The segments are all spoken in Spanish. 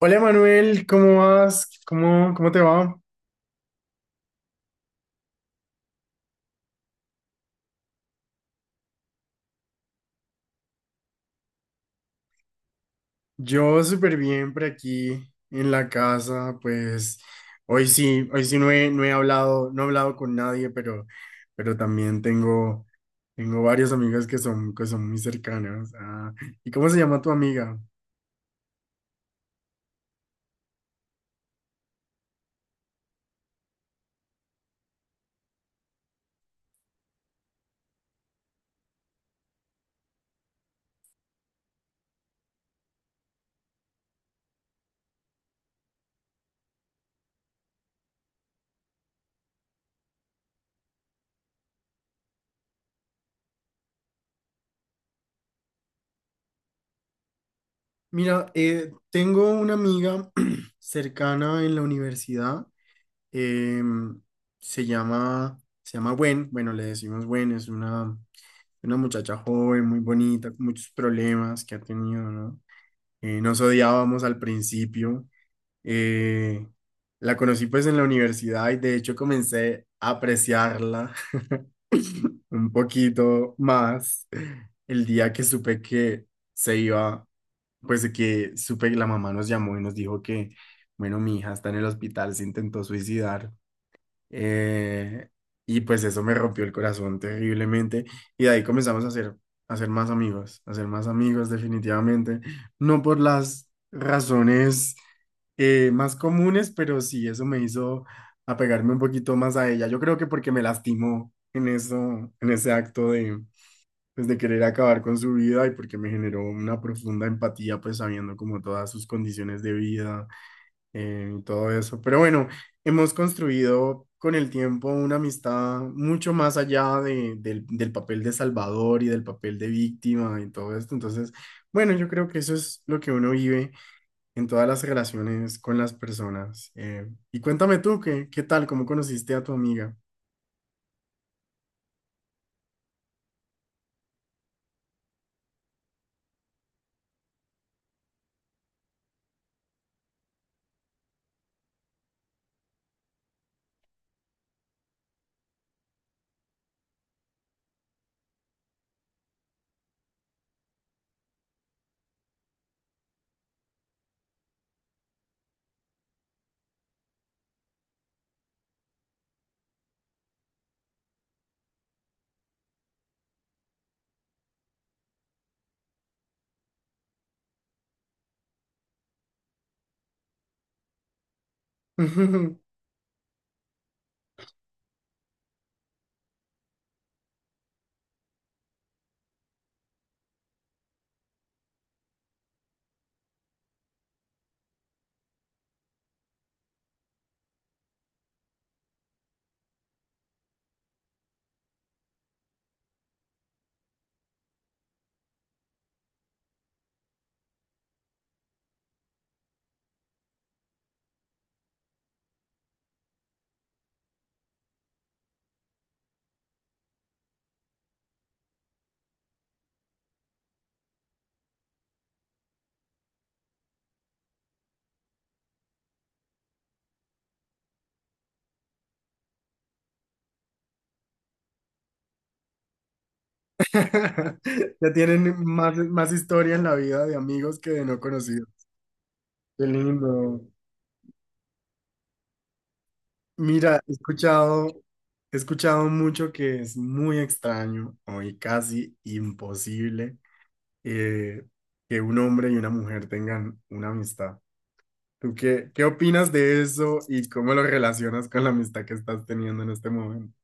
Hola Manuel, ¿cómo vas? ¿Cómo te va? Yo súper bien por aquí en la casa, pues hoy sí no he hablado con nadie, pero también tengo varias amigas que son muy cercanas. Ah, ¿y cómo se llama tu amiga? Mira, tengo una amiga cercana en la universidad, em, se llama, se llama Gwen, bueno, le decimos Gwen, es una... Una muchacha joven, muy bonita, con muchos problemas que ha tenido, ¿no? Nos odiábamos al principio. eh, la conocí pues en la universidad y de hecho comencé a apreciarla un poquito más el día que supe que se iba, pues que supe que la mamá nos llamó y nos dijo que, bueno, mi hija está en el hospital, se intentó suicidar. Eh, y pues eso me rompió el corazón terriblemente. Y de ahí comenzamos a ser más amigos, a ser más amigos definitivamente. No por las razones más comunes, pero sí eso me hizo apegarme un poquito más a ella. Yo creo que porque me lastimó en eso, en ese acto de, pues, de querer acabar con su vida y porque me generó una profunda empatía, pues sabiendo como todas sus condiciones de vida y todo eso. Pero bueno, hemos construido con el tiempo una amistad mucho más allá del papel de salvador y del papel de víctima y todo esto. Entonces, bueno, yo creo que eso es lo que uno vive en todas las relaciones con las personas. Y cuéntame tú, ¿qué tal? ¿Cómo conociste a tu amiga? Ya tienen más, más historia en la vida de amigos que de no conocidos. Qué lindo. Mira, he escuchado mucho que es muy extraño o y casi imposible eh, que un hombre y una mujer tengan una amistad. ¿Tú qué opinas de eso y cómo lo relacionas con la amistad que estás teniendo en este momento?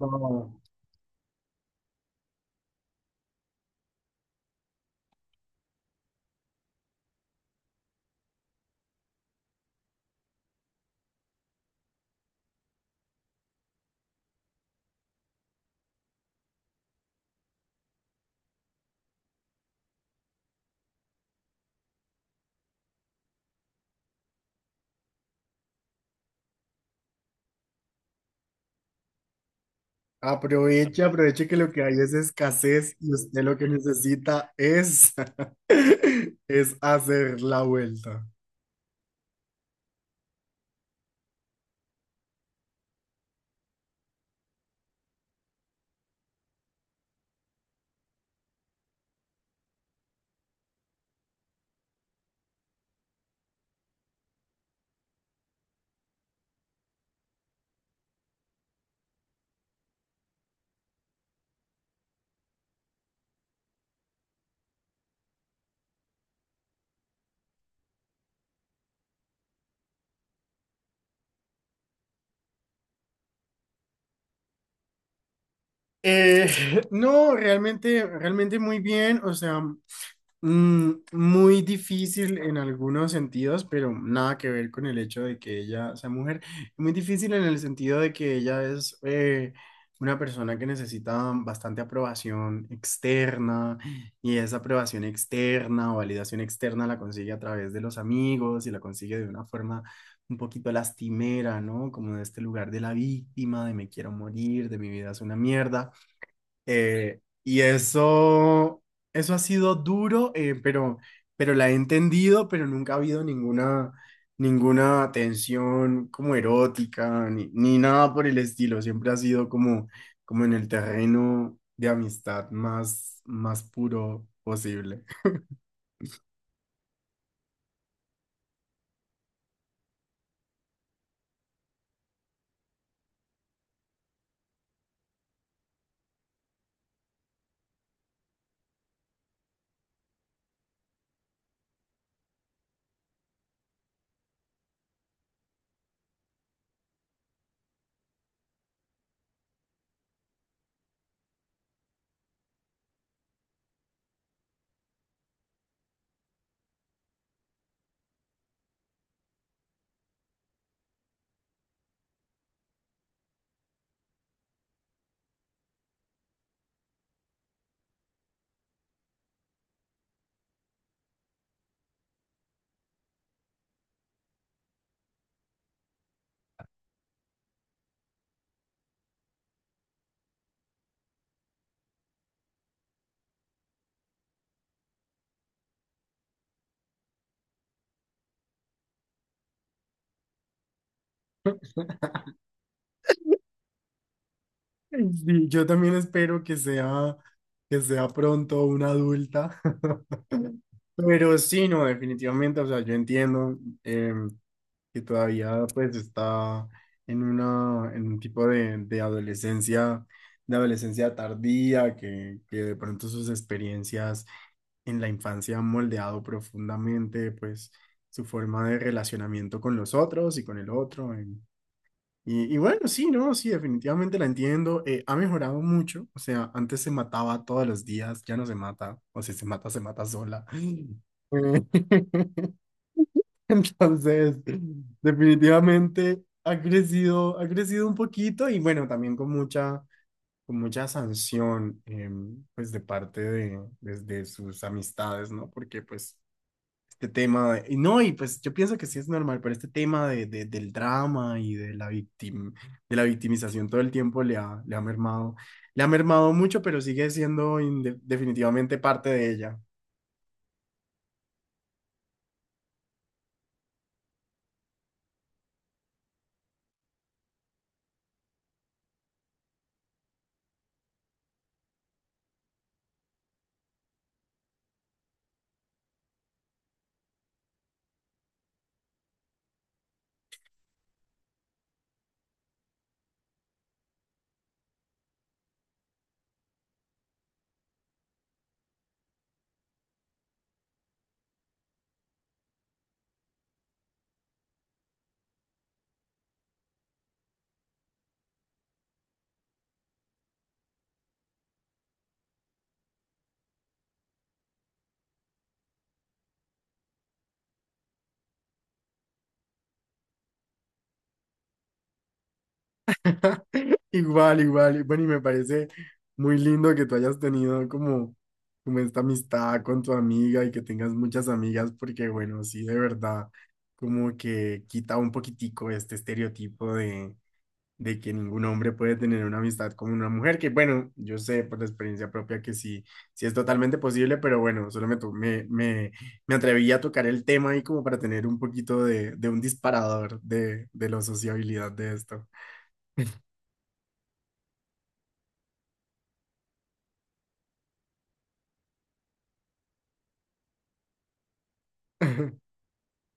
No, aproveche, aproveche que lo que hay es escasez y usted lo que necesita es, es hacer la vuelta. Eh, no, realmente, realmente muy bien. O sea, mm, muy difícil en algunos sentidos, pero nada que ver con el hecho de que ella sea mujer. Muy difícil en el sentido de que ella es una persona que necesita bastante aprobación externa y esa aprobación externa o validación externa la consigue a través de los amigos y la consigue de una forma un poquito lastimera, ¿no? Como de este lugar de la víctima, de me quiero morir, de mi vida es una mierda. Y eso, eso ha sido duro, pero la he entendido, pero nunca ha habido ninguna tensión como erótica, ni, ni nada por el estilo. Siempre ha sido como, como en el terreno de amistad más, más puro posible. Sí, yo también espero que sea pronto una adulta. Pero sí, no, definitivamente, o sea, yo entiendo. Que todavía pues está en una, en un tipo de adolescencia, de adolescencia tardía, que de pronto sus experiencias en la infancia han moldeado profundamente pues su forma de relacionamiento con los otros y con el otro. Y, y bueno, sí, no, sí, definitivamente la entiendo. Ha mejorado mucho, o sea, antes se mataba todos los días, ya no se mata, o si se mata, se mata sola. Eh, entonces, definitivamente ha crecido un poquito y bueno, también con mucha sanción, pues de parte de sus amistades, ¿no? Porque pues este tema, de- y no, y pues yo pienso que sí es normal, pero este tema del drama y de la de la victimización todo el tiempo le ha mermado mucho, pero sigue siendo definitivamente parte de ella. Igual, igual. Y bueno, y me parece muy lindo que tú hayas tenido como, como esta amistad con tu amiga y que tengas muchas amigas, porque bueno, sí, de verdad, como que quita un poquitico este estereotipo de que ningún hombre puede tener una amistad con una mujer, que bueno, yo sé por la experiencia propia que sí, sí es totalmente posible, pero bueno, solo me, to- me, me, me atreví a tocar el tema ahí como para tener un poquito de un disparador de la sociabilidad de esto.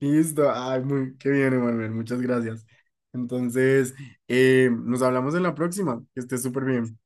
Listo, ay, muy, qué bien, Emanuel, muchas gracias. Entonces, nos hablamos en la próxima, que estés súper bien.